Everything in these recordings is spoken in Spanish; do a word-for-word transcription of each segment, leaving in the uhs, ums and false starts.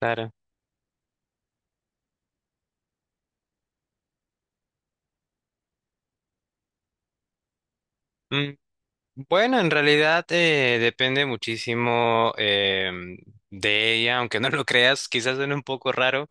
Claro. Mm, Bueno, en realidad eh, depende muchísimo em, de ella, aunque no lo creas, quizás suene un poco raro.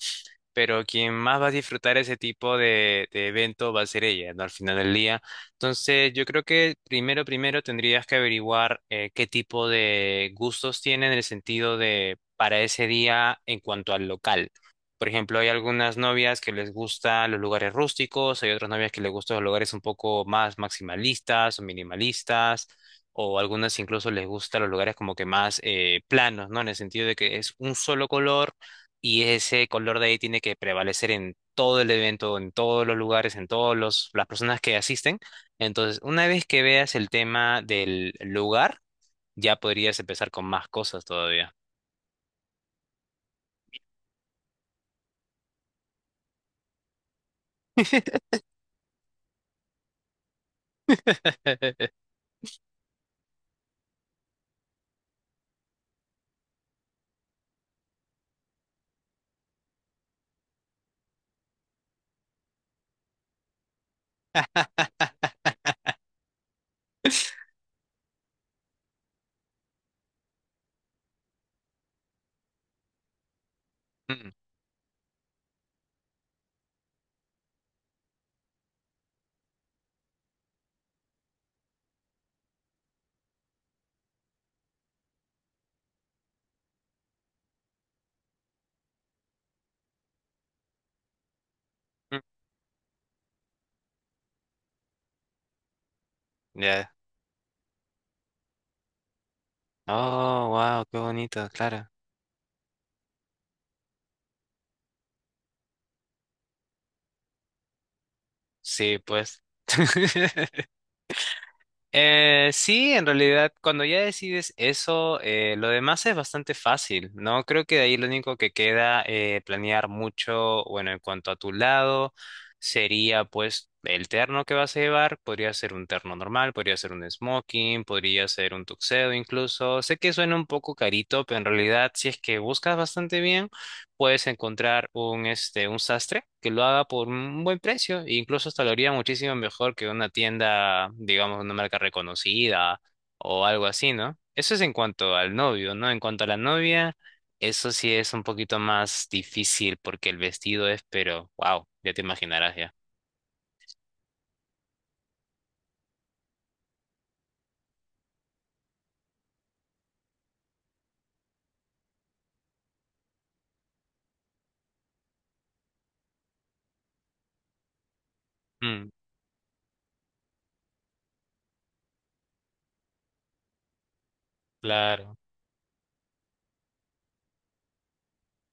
Pero quien más va a disfrutar ese tipo de, de evento va a ser ella, ¿no? Al final del día. Entonces, yo creo que primero, primero tendrías que averiguar eh, qué tipo de gustos tiene en el sentido de para ese día en cuanto al local. Por ejemplo, hay algunas novias que les gustan los lugares rústicos, hay otras novias que les gustan los lugares un poco más maximalistas o minimalistas, o algunas incluso les gustan los lugares como que más eh, planos, ¿no? En el sentido de que es un solo color y ese color de ahí tiene que prevalecer en todo el evento, en todos los lugares, en todos los las personas que asisten. Entonces, una vez que veas el tema del lugar, ya podrías empezar con más cosas todavía. Mm, mm, Ya. Oh, wow, qué bonito, claro. Sí, pues. Eh, sí, en realidad, cuando ya decides eso, eh, lo demás es bastante fácil, ¿no? Creo que de ahí lo único que queda eh, planear mucho, bueno, en cuanto a tu lado, sería pues el terno que vas a llevar, podría ser un terno normal, podría ser un smoking, podría ser un tuxedo incluso. Sé que suena un poco carito, pero en realidad, si es que buscas bastante bien puedes encontrar un, este, un sastre que lo haga por un buen precio e incluso hasta lo haría muchísimo mejor que una tienda, digamos, una marca reconocida o algo así, ¿no? Eso es en cuanto al novio, ¿no? En cuanto a la novia, eso sí es un poquito más difícil porque el vestido es, pero, wow, ya te imaginarás ya. Mm, claro.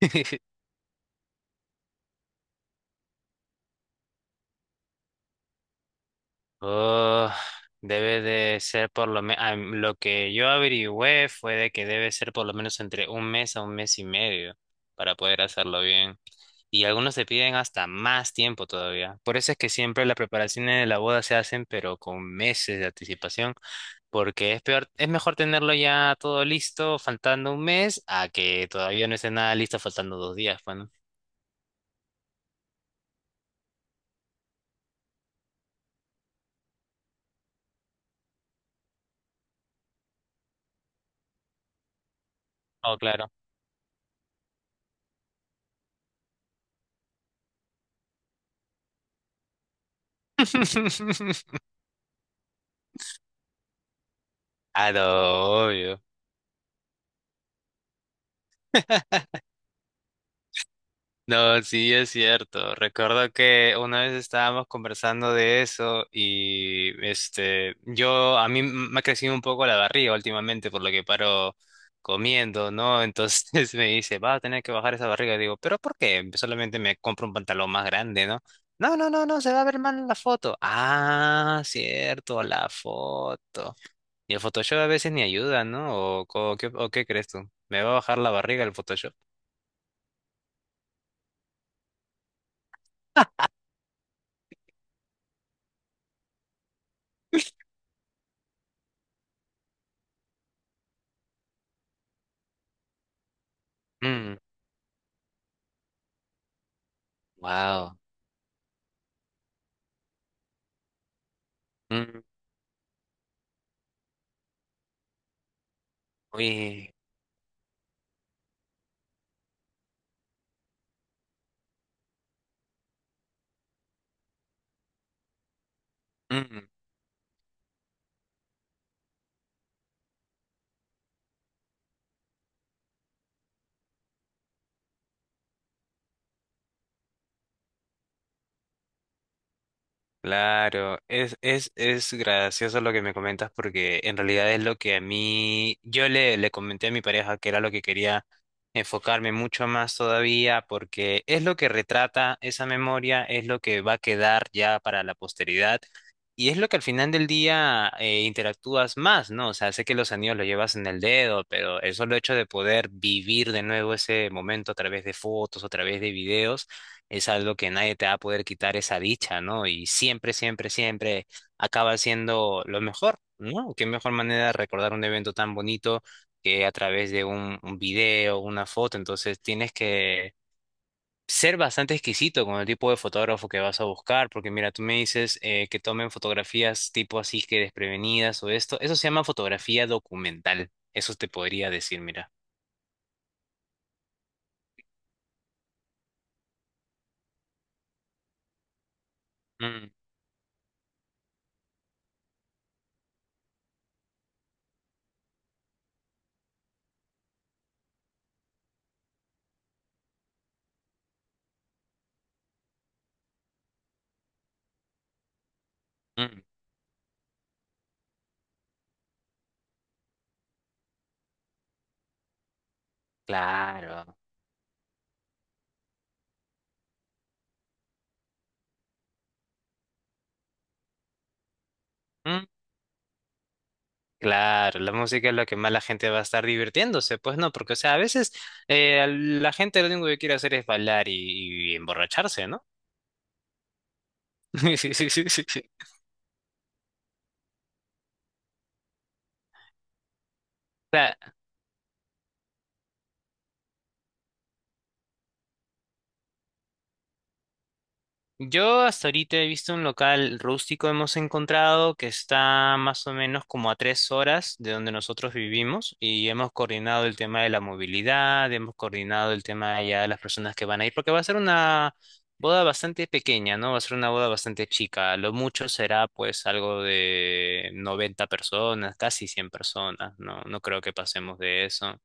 Oh, debe de ser por lo menos, lo que yo averigüé fue de que debe ser por lo menos entre un mes a un mes y medio para poder hacerlo bien. Y algunos te piden hasta más tiempo todavía. Por eso es que siempre las preparaciones de la boda se hacen, pero con meses de anticipación, porque es peor, es mejor tenerlo ya todo listo faltando un mes a que todavía no esté nada listo faltando dos días, pues, ¿no? Oh, claro. Ah, no, obvio. No, sí es cierto. Recuerdo que una vez estábamos conversando de eso y este, yo a mí m- me ha crecido un poco la barriga últimamente por lo que paro comiendo, ¿no? Entonces me dice, va a tener que bajar esa barriga. Digo, ¿pero por qué? Pues, solamente me compro un pantalón más grande, ¿no? No, no, no, no, se va a ver mal en la foto. Ah, cierto, la foto. Y el Photoshop a veces ni ayuda, ¿no? ¿O, co- qué, o qué crees tú? ¿Me va a bajar la barriga el Photoshop? Mm, wow. Uy, mm, claro, es, es, es gracioso lo que me comentas porque en realidad es lo que a mí, yo le, le comenté a mi pareja que era lo que quería enfocarme mucho más todavía porque es lo que retrata esa memoria, es lo que va a quedar ya para la posteridad y es lo que al final del día eh, interactúas más, ¿no? O sea, sé que los anillos los llevas en el dedo, pero el solo hecho de poder vivir de nuevo ese momento a través de fotos, a través de videos es algo que nadie te va a poder quitar esa dicha, ¿no? Y siempre, siempre, siempre acaba siendo lo mejor, ¿no? Qué mejor manera de recordar un evento tan bonito que a través de un, un video, una foto. Entonces tienes que ser bastante exquisito con el tipo de fotógrafo que vas a buscar, porque mira, tú me dices eh, que tomen fotografías tipo así que desprevenidas o esto. Eso se llama fotografía documental. Eso te podría decir, mira. Mm, mm, claro. Claro, la música es lo que más la gente va a estar divirtiéndose, pues no, porque o sea, a veces eh, la gente lo único que quiere hacer es bailar y, y emborracharse, ¿no? Sí, sí, sí, sí, sí. Yo hasta ahorita he visto un local rústico, hemos encontrado que está más o menos como a tres horas de donde nosotros vivimos y hemos coordinado el tema de la movilidad, hemos coordinado el tema ya de las personas que van a ir, porque va a ser una boda bastante pequeña, ¿no? Va a ser una boda bastante chica, lo mucho será pues algo de noventa personas, casi cien personas, ¿no? No creo que pasemos de eso.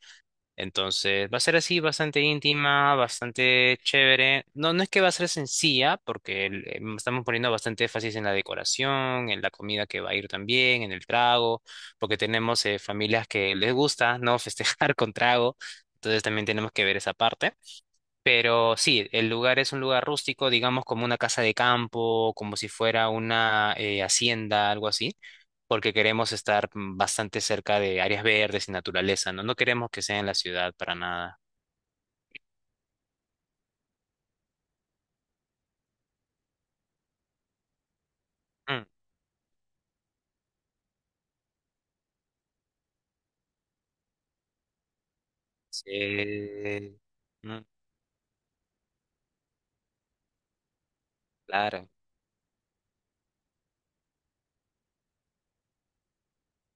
Entonces, va a ser así, bastante íntima, bastante chévere. No, no es que va a ser sencilla, porque el- em, estamos poniendo bastante énfasis en la decoración, en la comida que va a ir también, en el trago, porque tenemos eh, familias que les gusta, ¿no? Festejar con trago. Entonces también tenemos que ver esa parte. Pero sí, el lugar es un lugar rústico, digamos como una casa de campo, como si fuera una eh, hacienda, algo así, porque queremos estar mm, bastante cerca de áreas verdes y naturaleza, ¿no? No queremos que sea en la ciudad para nada. Mm, Sí, mm, claro.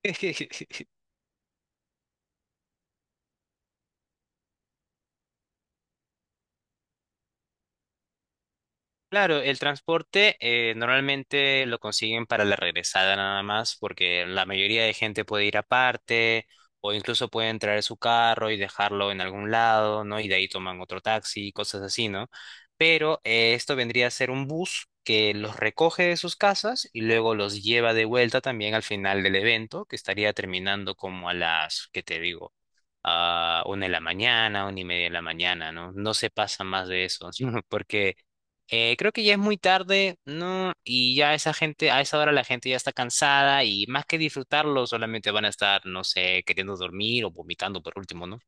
Claro, el transporte eh, normalmente lo consiguen para la regresada nada más, porque la mayoría de gente puede ir aparte o incluso pueden traer su carro y dejarlo en algún lado, ¿no? Y de ahí toman otro taxi, cosas así, ¿no? Pero eh, esto vendría a ser un bus que los recoge de sus casas y luego los lleva de vuelta también al final del evento, que estaría terminando como a las, ¿qué te digo? A una de la mañana, una y media de la mañana, ¿no? No se pasa más de eso, porque eh, creo que ya es muy tarde, ¿no? Y ya esa gente, a esa hora la gente ya está cansada y más que disfrutarlo, solamente van a estar, no sé, queriendo dormir o vomitando por último, ¿no?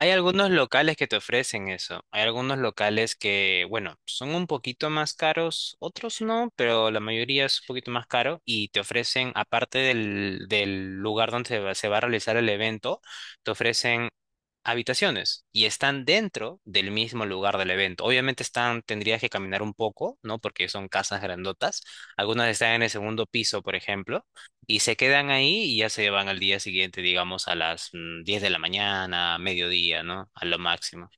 Hay algunos locales que te ofrecen eso. Hay algunos locales que, bueno, son un poquito más caros, otros no, pero la mayoría es un poquito más caro y te ofrecen, aparte del, del lugar donde se va, se va a realizar el evento, te ofrecen habitaciones y están dentro del mismo lugar del evento. Obviamente están, tendrías que caminar un poco, ¿no? Porque son casas grandotas. Algunas están en el segundo piso, por ejemplo, y se quedan ahí y ya se van al día siguiente, digamos, a las mm, diez de la mañana, mediodía, ¿no? A lo máximo.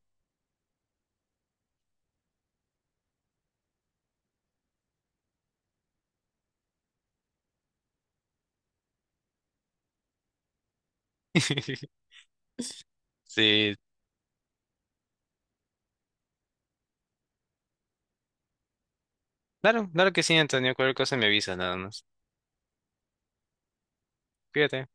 Sí, claro, claro que sí, Antonio. Cualquier cosa me avisas nada más. Cuídate.